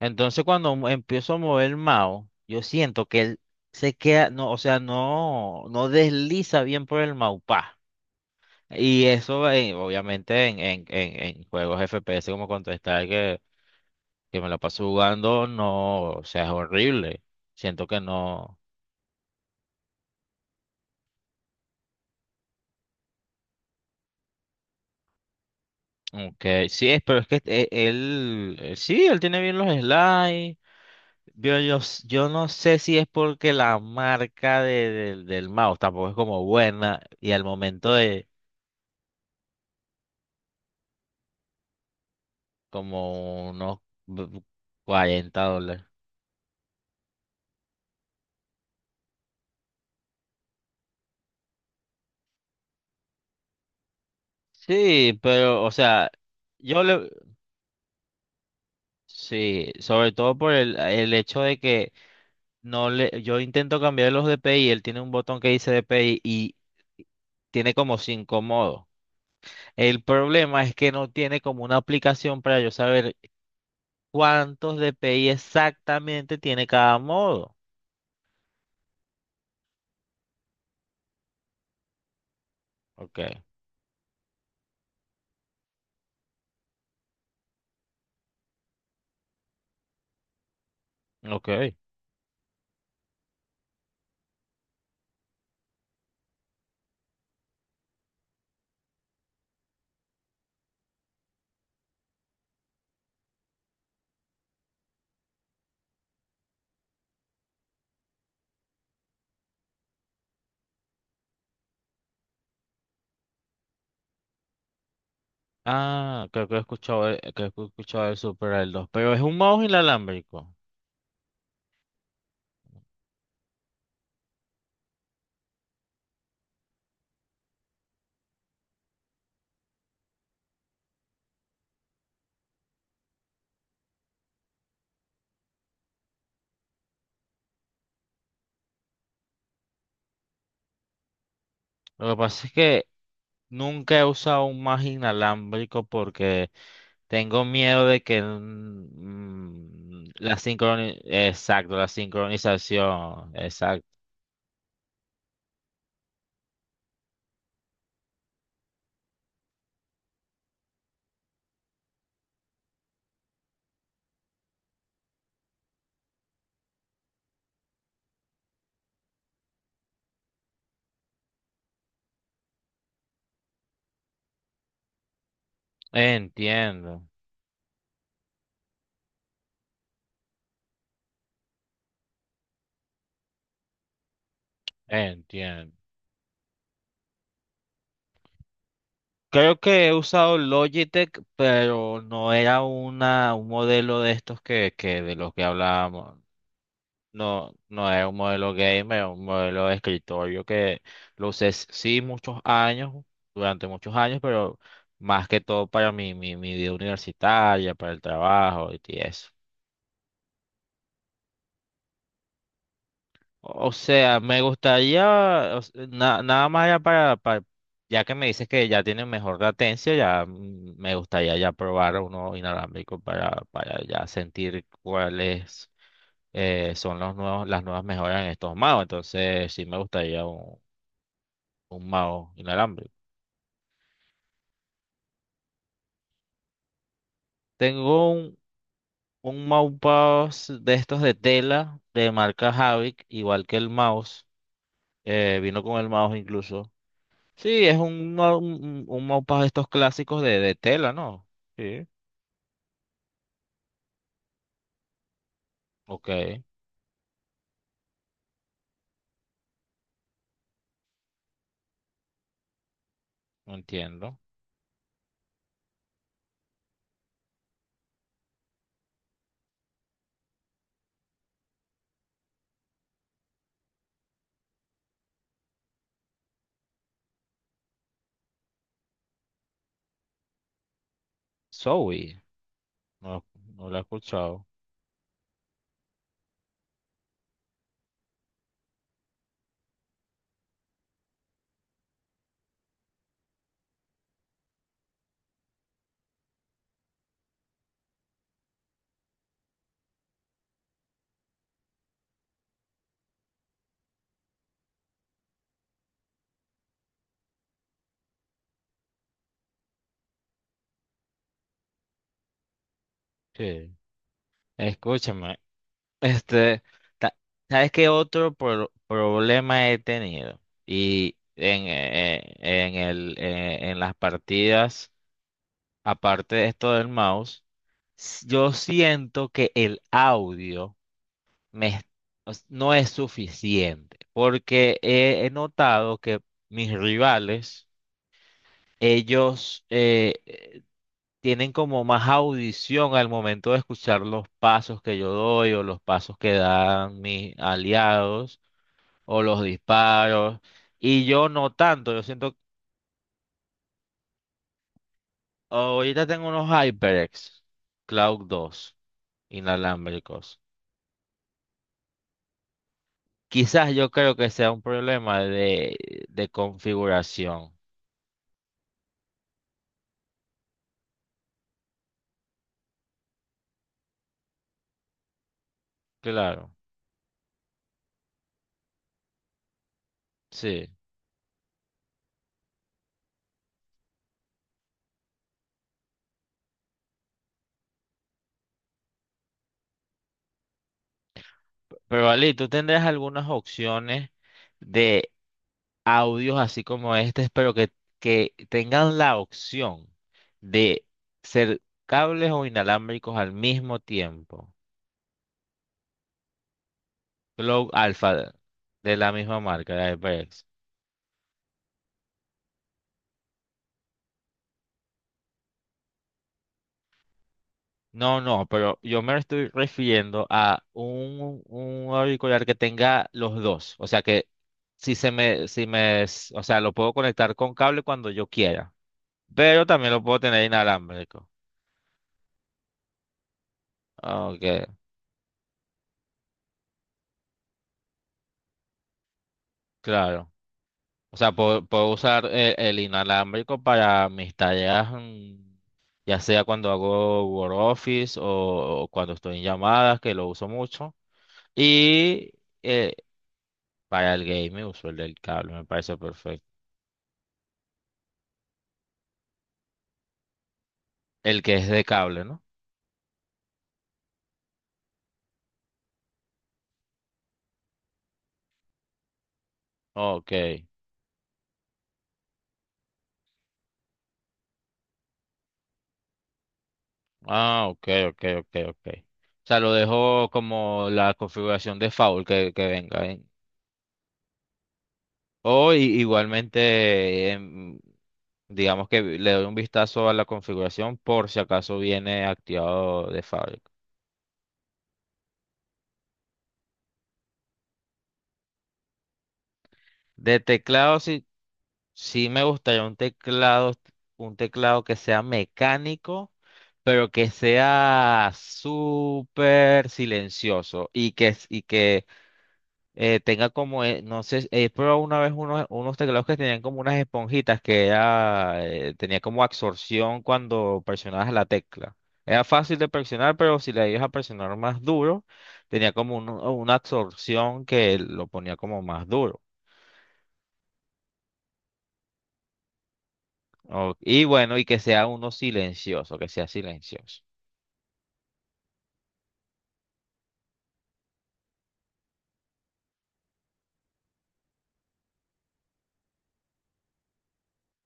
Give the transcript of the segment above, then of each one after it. Entonces cuando empiezo a mover el mouse, yo siento que él se queda, no, o sea, no, no desliza bien por el mousepad. Y eso, obviamente, en juegos FPS como Counter-Strike, que me la paso jugando, no, o sea, es horrible. Siento que no. Aunque sí, es, pero es que él, sí, él tiene bien los slides. Yo no sé si es porque la marca del mouse tampoco es como buena y al momento de como unos b- $40. Sí, pero, o sea, yo le. Sí, sobre todo por el hecho de que no le. Yo intento cambiar los DPI, él tiene un botón que dice DPI y tiene como cinco modos. El problema es que no tiene como una aplicación para yo saber cuántos DPI exactamente tiene cada modo. Ok, ok. Ah, creo que he escuchado, creo que he escuchado el Super el dos, pero es un mouse inalámbrico. Lo que pasa es que nunca he usado un más inalámbrico porque tengo miedo de que exacto, la sincronización, exacto. Entiendo, entiendo. Creo que he usado Logitech, pero no era una, un modelo de estos que de los que hablábamos. No, no es un modelo gamer, es un modelo de escritorio que lo usé sí muchos años, durante muchos años, pero más que todo para mi vida universitaria, para el trabajo y eso. O sea, me gustaría, nada más ya para, ya que me dices que ya tiene mejor latencia, ya me gustaría ya probar uno inalámbrico para ya sentir cuáles son los nuevos, las nuevas mejoras en estos magos. Entonces, sí me gustaría un mouse inalámbrico. Tengo un mousepad de estos de tela de marca Havik, igual que el mouse. Vino con el mouse incluso. Sí, es un mousepad de estos clásicos de tela, ¿no? Sí. Ok, no entiendo. Zoe, no, no lo he escuchado. Sí. Escúchame, este, ta- ¿sabes qué otro problema he tenido? Y en el, en las partidas. Aparte de esto del mouse, yo siento que el audio me es- no es suficiente, porque he notado que mis rivales, ellos tienen como más audición al momento de escuchar los pasos que yo doy o los pasos que dan mis aliados o los disparos, y yo no tanto, yo siento, ahorita tengo unos HyperX Cloud 2 inalámbricos. Quizás yo creo que sea un problema de configuración. Claro, sí. Pero Ali, tú tendrás algunas opciones de audios así como este, pero que tengan la opción de ser cables o inalámbricos al mismo tiempo. Glow Alpha de la misma marca, de HyperX. No, no, pero yo me estoy refiriendo a un auricular que tenga los dos. O sea que si se me, si me, s- o sea, lo puedo conectar con cable cuando yo quiera. Pero también lo puedo tener inalámbrico. Ah, ok, claro. O sea, puedo usar el inalámbrico para mis tareas, ya sea cuando hago Word Office o cuando estoy en llamadas, que lo uso mucho. Y eh, para el gaming uso el del cable, me parece perfecto. El que es de cable, ¿no? Ok. Ah, ok, ok, ok, ok. O sea, lo dejo como la configuración de default que venga, ¿eh? Igualmente, digamos que le doy un vistazo a la configuración por si acaso viene activado de fábrica. De teclado, sí, sí me gustaría un teclado que sea mecánico, pero que sea súper silencioso y que tenga como, no sé, he probado una vez unos teclados que tenían como unas esponjitas que era, tenía como absorción cuando presionabas la tecla. Era fácil de presionar, pero si le ibas a presionar más duro, tenía como una absorción que lo ponía como más duro. Y bueno, y que sea uno silencioso, que sea silencioso.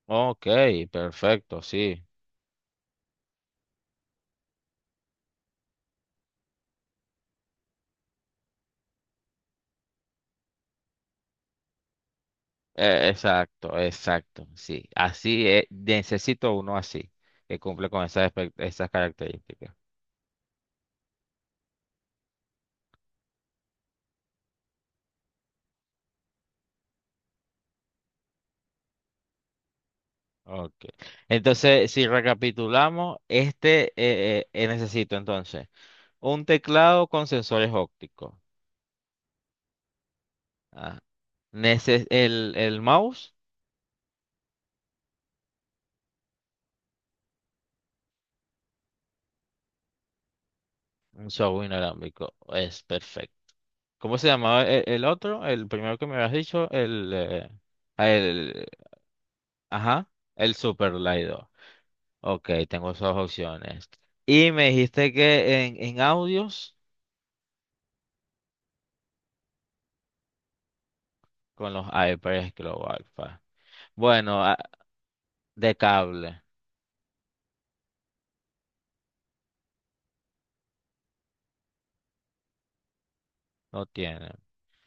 Ok, perfecto, sí. Exacto, exacto, sí. Así, necesito uno así, que cumple con esas, esas características. Ok. Entonces, si recapitulamos, este necesito entonces un teclado con sensores ópticos. Ah, el mouse, un software inalámbrico. Es perfecto. ¿Cómo se llamaba el otro? El primero que me habías dicho, el, ah, el, ajá, el Super Lido. Ok, tengo esas opciones. Y me dijiste que en audios con los HyperX Global Alpha. Bueno, ah, de cable, no tiene.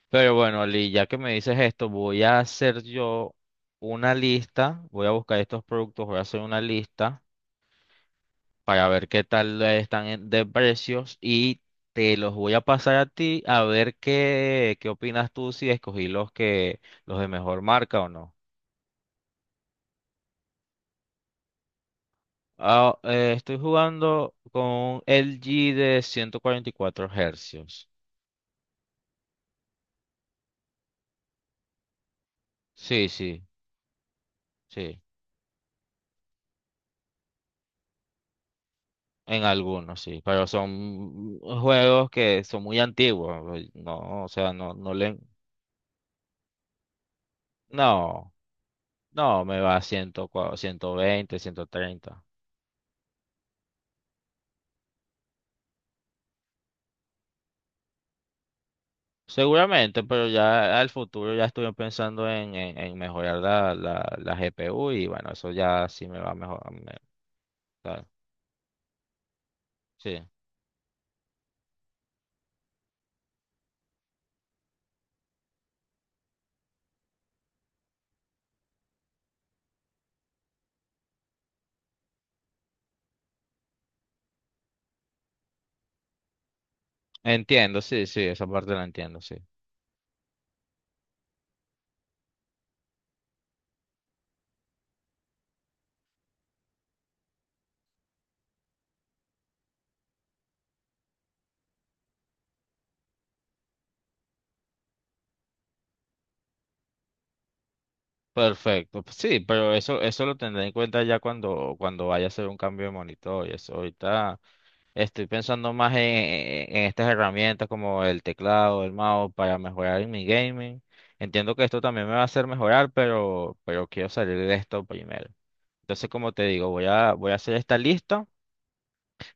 Pero bueno, Lee, ya que me dices esto, voy a hacer yo una lista, voy a buscar estos productos, voy a hacer una lista para ver qué tal están de precios y te los voy a pasar a ti a ver qué opinas tú si escogí los que los de mejor marca o no. Ah, estoy jugando con un LG de 144 hercios. Sí, sí, sí. En algunos, sí, pero son juegos que son muy antiguos. No, o sea, no, no le. No, no, me va a 100, 120, 130. Seguramente, pero ya al futuro ya estoy pensando en mejorar la GPU y bueno, eso ya sí me va mejor. Tal, Sí, entiendo, sí, sí, esa parte la entiendo, sí. Perfecto, pues sí, pero eso lo tendré en cuenta ya cuando vaya a hacer un cambio de monitor y eso ahorita. Estoy pensando más en estas herramientas como el teclado, el mouse para mejorar en mi gaming. Entiendo que esto también me va a hacer mejorar, pero, quiero salir de esto primero. Entonces, como te digo, voy a hacer esta lista,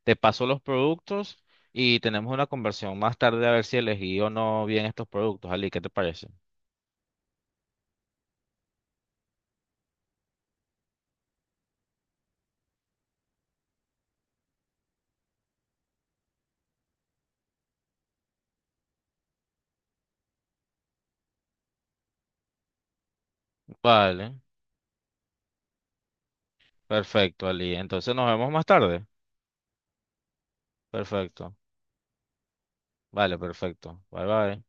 te paso los productos y tenemos una conversión más tarde a ver si elegí o no bien estos productos, Ali. ¿Qué te parece? Vale, perfecto, Ali. Entonces nos vemos más tarde. Perfecto. Vale, perfecto. Bye bye.